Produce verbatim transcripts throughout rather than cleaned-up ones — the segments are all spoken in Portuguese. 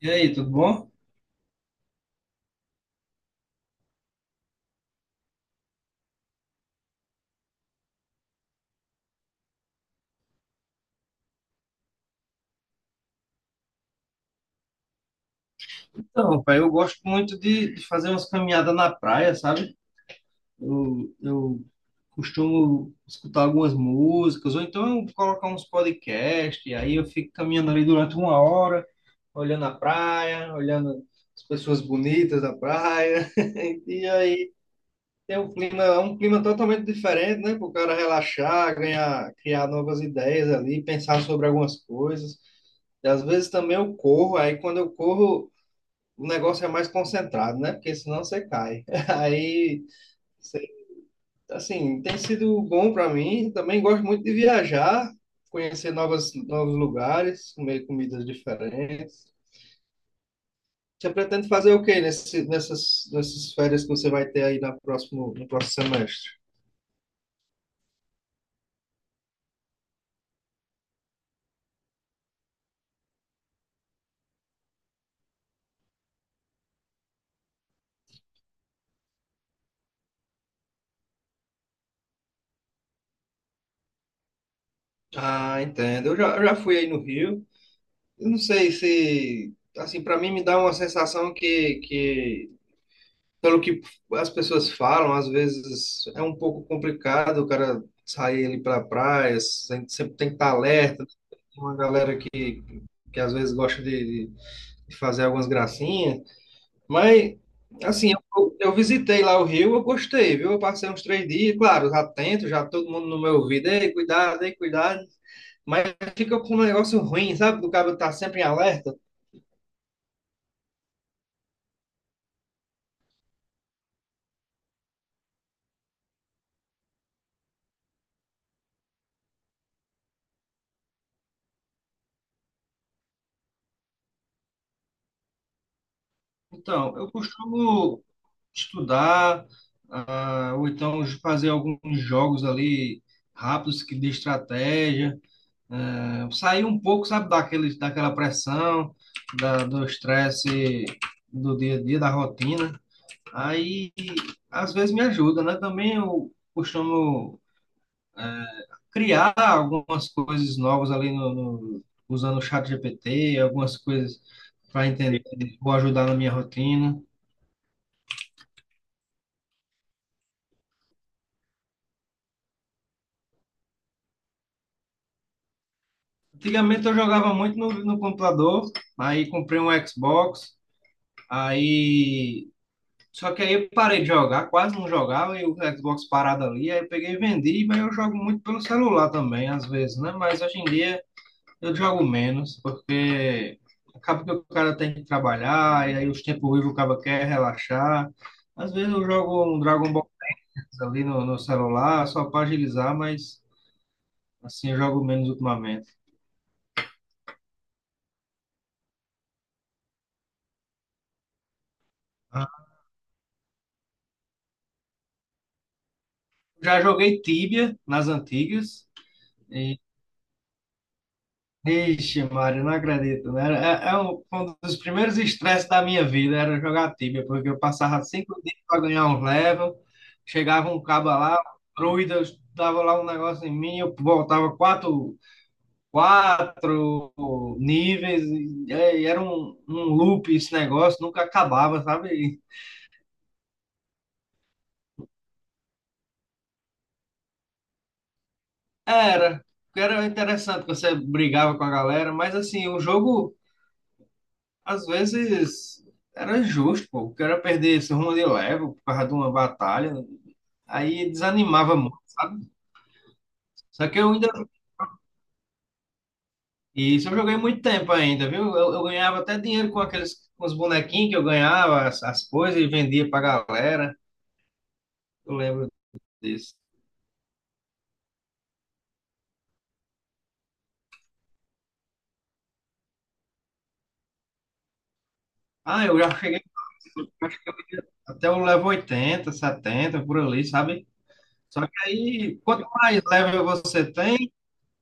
E aí, tudo bom? Então, pai, eu gosto muito de, de fazer umas caminhadas na praia, sabe? Eu, eu costumo escutar algumas músicas, ou então eu colocar uns podcasts, e aí eu fico caminhando ali durante uma hora, olhando a praia, olhando as pessoas bonitas da praia. E aí tem um clima, é um clima totalmente diferente, né? Para o cara relaxar, ganhar, criar novas ideias ali, pensar sobre algumas coisas. E às vezes também eu corro, aí quando eu corro o negócio é mais concentrado, né? Porque senão você cai. Aí, sei- assim, tem sido bom para mim. Também gosto muito de viajar, conhecer novas, novos lugares, comer comidas diferentes. Você pretende fazer o quê nesse, nessas, nessas férias que você vai ter aí na próximo, no próximo semestre? Ah, entendo. Eu já, eu já fui aí no Rio. Eu não sei se, assim, para mim me dá uma sensação que, que pelo que as pessoas falam, às vezes é um pouco complicado o cara sair ali para praia, sempre, sempre tem que estar alerta, tem uma galera que, que às vezes gosta de, de fazer algumas gracinhas, mas assim, eu, eu visitei lá o Rio, eu gostei, viu? Eu passei uns três dias, claro, já atento, já todo mundo no meu ouvido, ei, cuidado, ei, cuidado, mas fica com um negócio ruim, sabe? Do cara tá sempre em alerta. Então, eu costumo estudar, ah, ou então fazer alguns jogos ali rápidos que de estratégia, ah, sair um pouco, sabe, daquele, daquela pressão, da, do estresse do dia a dia, da rotina. Aí, às vezes me ajuda, né? Também eu costumo criar algumas coisas novas ali no, no, usando o chat G P T, algumas coisas para entender, vou ajudar na minha rotina. Antigamente eu jogava muito no, no computador, aí comprei um Xbox, aí. Só que aí eu parei de jogar, quase não jogava, e o Xbox parado ali, aí eu peguei e vendi, mas eu jogo muito pelo celular também, às vezes, né? Mas hoje em dia eu jogo menos, porque acaba que o cara tem que trabalhar, e aí os tempos ruins o cara quer relaxar. Às vezes eu jogo um Dragon Ball ali no, no celular, só para agilizar, mas assim eu jogo menos ultimamente. Já joguei Tibia nas antigas. E, ixi, Mário, não acredito, né? É, é um, foi um dos primeiros estresses da minha vida era jogar Tibia, porque eu passava cinco dias para ganhar um level, chegava um cabo lá, druida, eu dava lá um negócio em mim, eu voltava quatro, quatro níveis, e, e era um, um loop esse negócio, nunca acabava, sabe? E era, porque era interessante, que você brigava com a galera, mas assim, o jogo. Às vezes era justo, pô. O cara perder esse rumo de level por causa de uma batalha. Aí desanimava muito, sabe? Só que eu ainda. Isso eu joguei muito tempo ainda, viu? Eu, eu ganhava até dinheiro com aqueles com os bonequinhos que eu ganhava, as, as coisas, e vendia pra galera. Eu lembro disso. Ah, eu já cheguei até o level oitenta, setenta, por ali, sabe? Só que aí, quanto mais level você tem,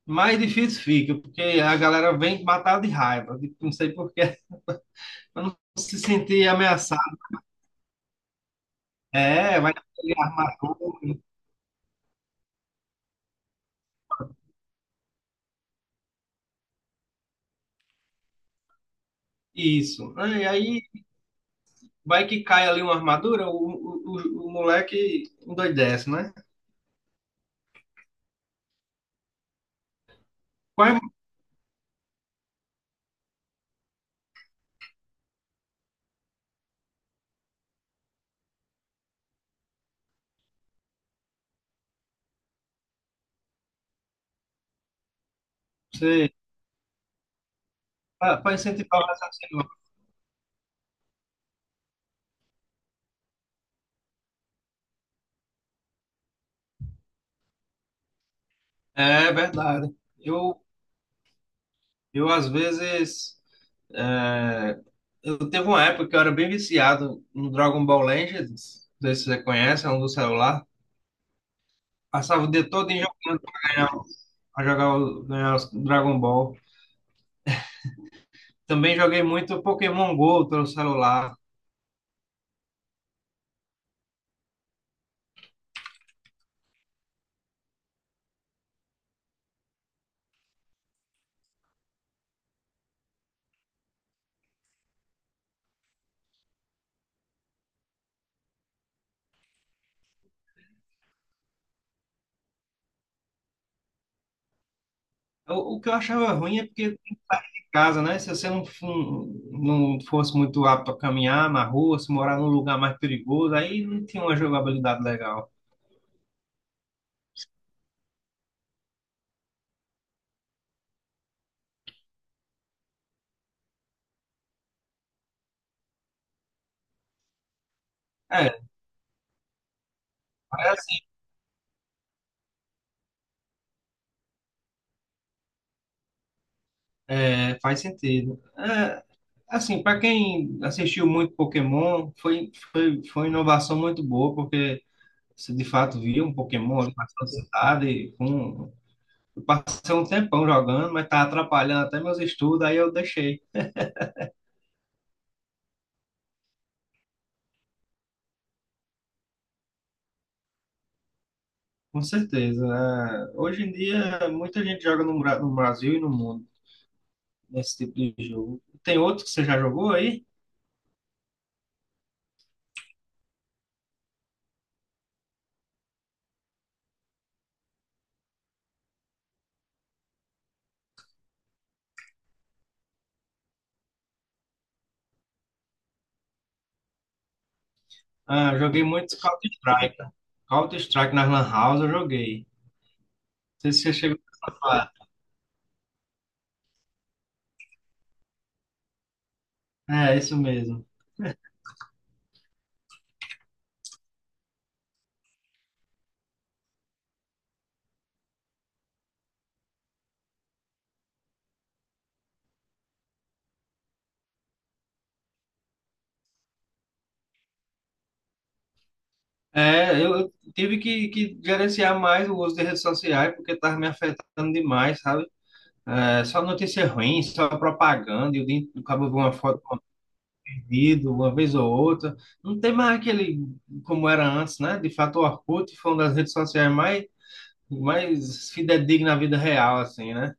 mais difícil fica, porque a galera vem matar de raiva, de- não sei por quê. Pra não se sentir ameaçado. É, vai ali armar. Isso. E aí vai que cai ali uma armadura, o, o, o, o moleque endoidece, né? Qual é você? Para incentivar o raciocínio lógico. É verdade. Eu, eu às vezes. é, eu teve uma época que eu era bem viciado no Dragon Ball Legends. Não sei se você conhece, é um do celular. Passava o dia todo em jogando pra ganhar, pra jogar o, ganhar os Dragon Ball. Também joguei muito Pokémon Go pelo celular. O, o que eu achava ruim é porque tem que sair de casa, né? Se você não, fu- não fosse muito apto a caminhar na rua, se morar num lugar mais perigoso, aí não tinha uma jogabilidade legal. É, é assim, é, faz sentido. É, assim, para quem assistiu muito Pokémon, foi, foi, foi uma inovação muito boa, porque você de fato via um Pokémon ali na sua cidade. Com... Eu passei um tempão jogando, mas estava atrapalhando até meus estudos, aí eu deixei. Com certeza. É, hoje em dia, muita gente joga no, Bra- no Brasil e no mundo nesse tipo de jogo. Tem outro que você já jogou aí? Ah, joguei muito Counter-Strike. Counter-Strike na Lan House eu joguei. Não sei se você chegou a falar. É, isso mesmo. É, eu eu tive que, que gerenciar mais o uso de redes sociais porque estava me afetando demais, sabe? É, só notícia ruim, só propaganda. E o dia- o cabo vê uma foto perdido uma vez ou outra. Não tem mais aquele como era antes, né? De fato, o Orkut foi uma das redes sociais mais, mais fidedigna à vida real, assim, né?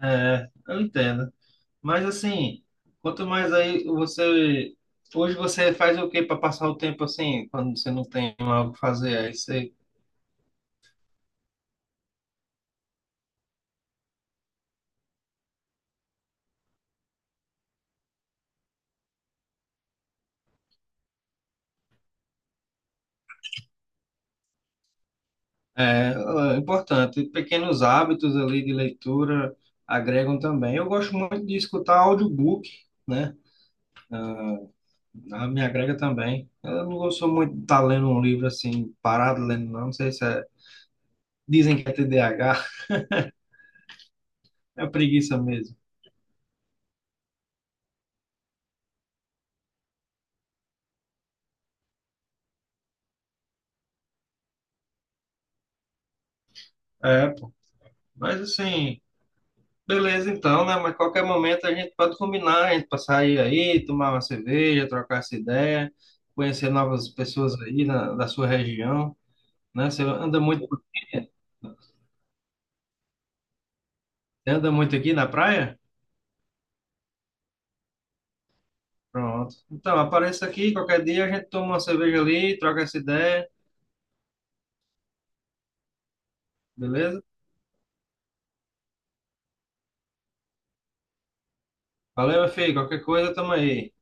É, eu entendo. Mas assim, quanto mais aí você. Hoje você faz o que para passar o tempo assim, quando você não tem algo pra fazer? Aí você. É, é importante. Pequenos hábitos ali de leitura agregam também. Eu gosto muito de escutar audiobook, né? Ah, me agrega também. Eu não gosto muito de estar lendo um livro assim, parado lendo, não. Não sei se é. Dizem que é T D A H, é preguiça mesmo. É, pô. Mas assim, beleza então, né? Mas qualquer momento a gente pode combinar, a gente pra sair aí, tomar uma cerveja, trocar essa ideia, conhecer novas pessoas aí na, da sua região, né? Você anda muito, por aqui? Você anda muito aqui na praia? Pronto. Então, apareça aqui, qualquer dia a gente toma uma cerveja ali, troca essa ideia, beleza? Valeu, meu filho. Qualquer coisa, tamo aí.